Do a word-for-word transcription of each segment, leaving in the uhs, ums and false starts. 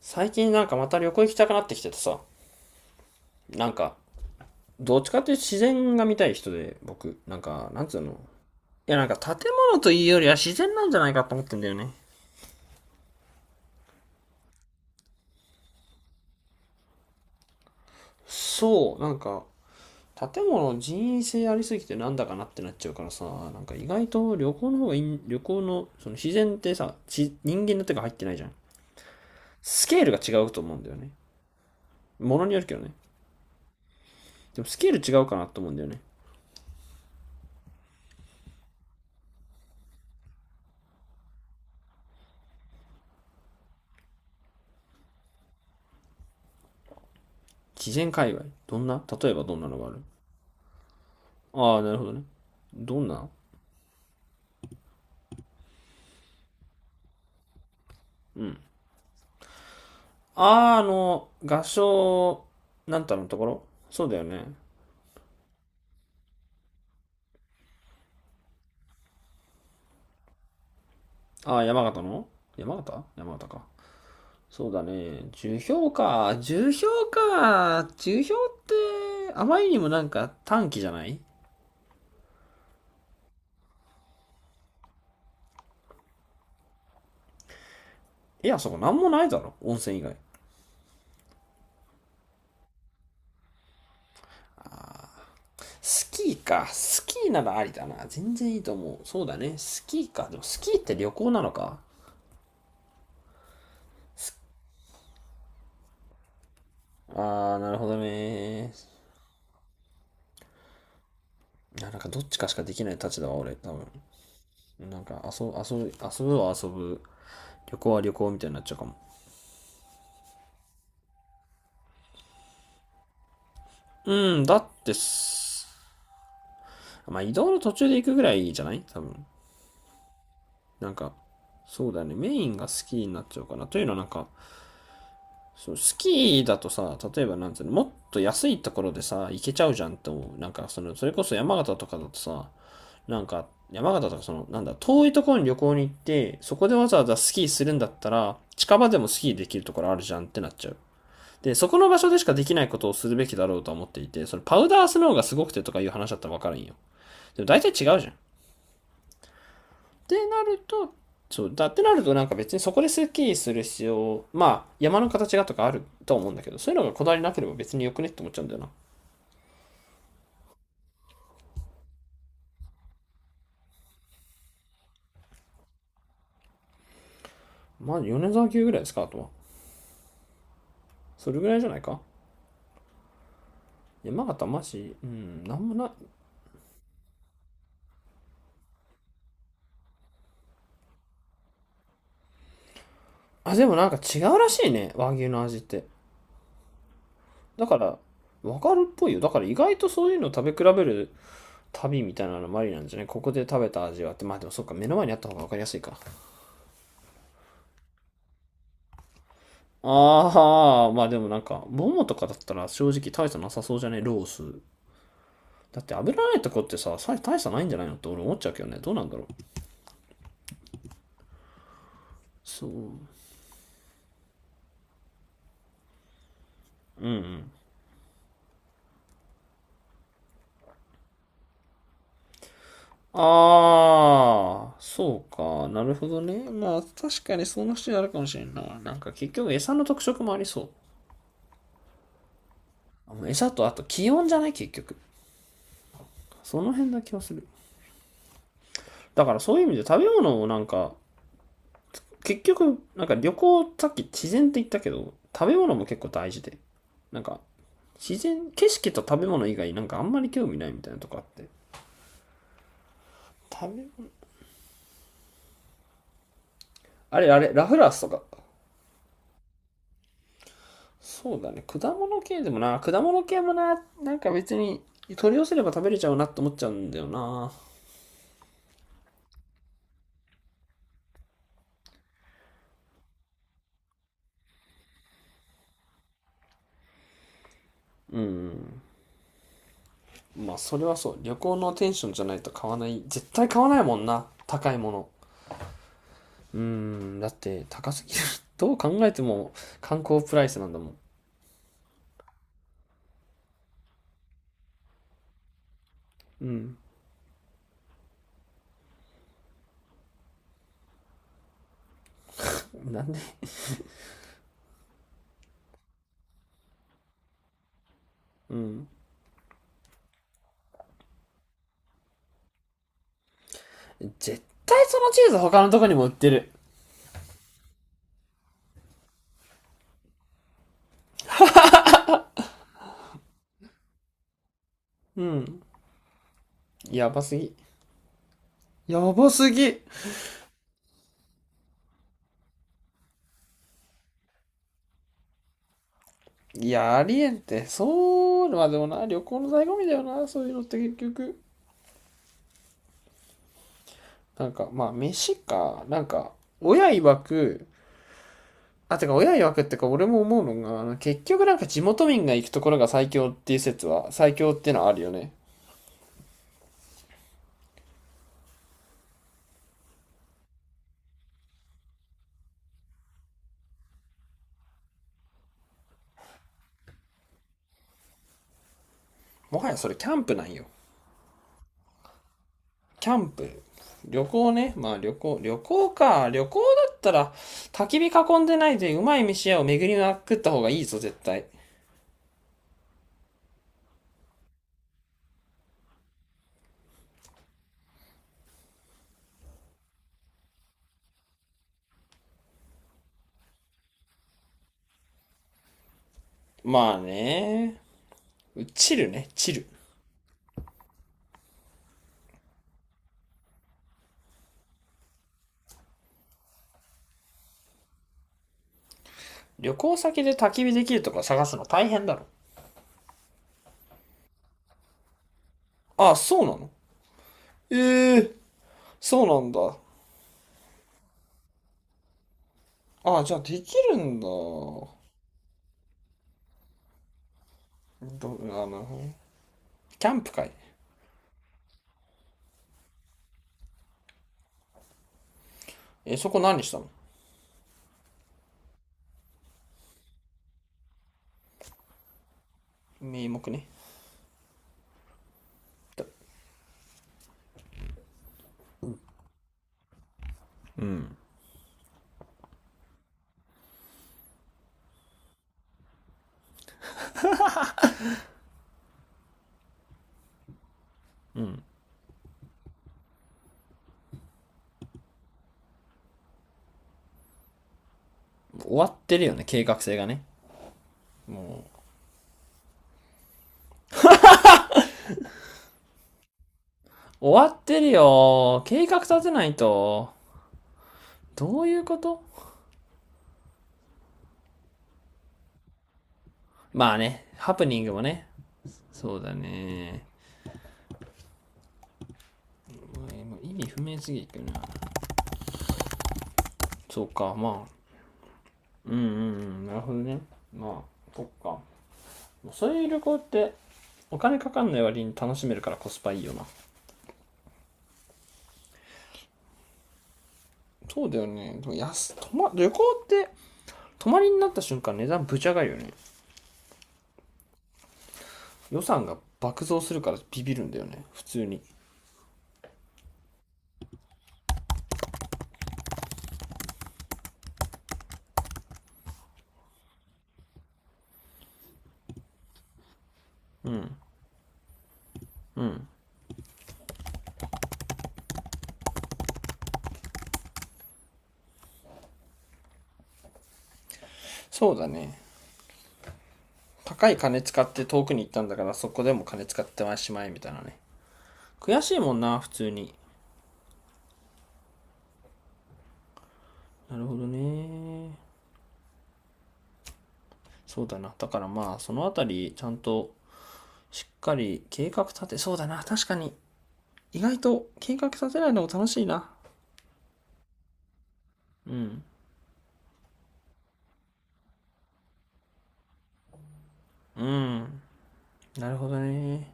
最近なんかまた旅行行きたくなってきててさ、なんか、どっちかっていうと自然が見たい人で、僕、なんか、なんつうの。いや、なんか建物というよりは自然なんじゃないかと思ってんだよね。そう、なんか、建物人為性ありすぎてなんだかなってなっちゃうからさ、なんか意外と旅行の方がいい、旅行の、その自然ってさ、ち人間の手が入ってないじゃん。スケールが違うと思うんだよね。ものによるけどね。でもスケール違うかなと思うんだよね。自然界隈。どんな例えばどんなのがある？ああ、なるほどね。どんな？うん。あー、あの、合唱、なんたのところそうだよね。あー、山形の山形山形か。そうだね。樹氷か。樹氷か。樹氷って、あまりにもなんか短期じゃない？いや、そこなんもないだろ。温泉以外。スキーか。スキーならありだな。全然いいと思う。そうだね。スキーか。でもスキーって旅行なのか？あー、なるほどね。なんかどっちかしかできない立場は俺、多分。なんか遊ぶ、遊ぶ、遊ぶは遊ぶ。旅行は旅行みたいになっちゃうかも。うん、だってす、まあ移動の途中で行くぐらいじゃない、多分。なんか、そうだよね。メインがスキーになっちゃうかな。というのはなんか、そう、スキーだとさ、例えばなんつうの、もっと安いところでさ、行けちゃうじゃんと思う。なんか、その、それこそ山形とかだとさ、なんか、山形とかその、なんだ、遠いところに旅行に行って、そこでわざわざスキーするんだったら、近場でもスキーできるところあるじゃんってなっちゃう。で、そこの場所でしかできないことをするべきだろうと思っていて、それパウダースノーがすごくてとかいう話だったらわかるんよ。でも大体違うじゃん。ってなると、そうだってなるとなんか別にそこでスッキリする必要、まあ山の形がとかあると思うんだけど、そういうのがこだわりなければ別によくねって思っちゃうんだよな。まあ米沢牛ぐらいですか、あとは。それぐらいじゃないか？山形マジ、うん、なんもない。あ、でもなんか違うらしいね、和牛の味って。だから、わかるっぽいよ。だから意外とそういうのを食べ比べる旅みたいなのもありなんじゃない？ここで食べた味はって、まあでもそっか、目の前にあった方が分かりやすいか。ああ、まあでもなんか、ボモとかだったら正直大差なさそうじゃねロース。だって油ないとこってさ、さ大差ないんじゃないのって俺思っちゃうけどね。どうなんだろう。そう。うんうん。ああ、そうか。なるほどね。まあ確かにそんな人になるかもしれんな。なんか結局餌の特色もありそう。う餌とあと気温じゃない、結局。その辺な気はする。だからそういう意味で食べ物をなんか結局、なんか旅行、さっき自然って言ったけど、食べ物も結構大事で。なんか、自然、景色と食べ物以外、なんかあんまり興味ないみたいなとこあって。食べ物あれあれ、ラフランスとか。そうだね、果物系でもな、果物系もな、なんか別に取り寄せれば食べれちゃうなって思っちゃうんだよな。うん。まあ、それはそう。旅行のテンションじゃないと買わない。絶対買わないもんな。高いもの。うん、だって高すぎる。どう考えても観光プライスなんだもん。うん。なんで？うん。絶対そのチーズ他のとこにも売ってる。うん。やばすぎ。やばすぎ。いや、ありえんって。そう、まあでもな、旅行の醍醐味だよな、そういうのって結局。なんか、まあ、飯か、なんか、親曰く、あ、てか、親曰くってか、俺も思うのが、あの結局なんか地元民が行くところが最強っていう説は、最強っていうのはあるよね。もはやそれキャンプなんよ。キャンプ。旅行ね。まあ旅行、旅行か。旅行だったら、焚き火囲んでないでうまい飯屋を巡りまくった方がいいぞ、絶対。まあね。チルね、チル。旅行先で焚き火できるとか探すの大変だろ。ああ、そうなの？ええー、そうなんだ。ああ、じゃあできるんだ。ど、あの、キャンプ会。え、そこ何したの？名目ね。うん。うん。終わってるよね、計画性がね。もう、終わってるよ。計画立てないと。どういうこと？まあね、ハプニングもね。そうだね。意味不明すぎるな。そうか、まあ。うんうんうん、なるほどね。まあ、そっか。そういう旅行って、お金かかんない割に楽しめるからコスパいいよな。そうだよね。でも安泊ま、旅行って、泊まりになった瞬間値段ぶち上がるよね。予算が爆増するからビビるんだよね。普通に。うん。うん。そうだね。高い金使って遠くに行ったんだからそこでも金使ってましまいみたいなね。悔しいもんな、普通に。なるほどね。そうだな、だからまあそのあたりちゃんとしっかり計画立てそうだな、確かに。意外と計画立てないのも楽しいな。うんうん、なるほどね。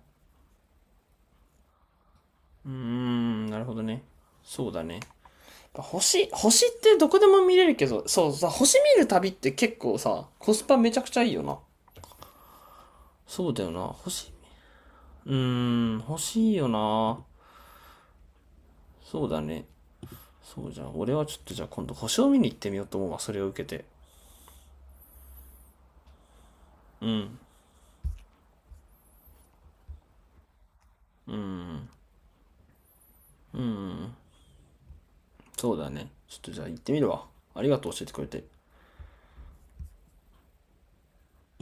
うーうん、なるほどね。そうだね。星、星ってどこでも見れるけど、そうさ、星見る旅って結構さコスパめちゃくちゃいいよな。そうだよな、星。うーん、欲しいよな。そうだね。そうじゃん。俺はちょっとじゃあ今度星を見に行ってみようと思うわ。それを受けて。うん。うん。そうだね。ちょっとじゃあ行ってみるわ。ありがとう、教えてくれて。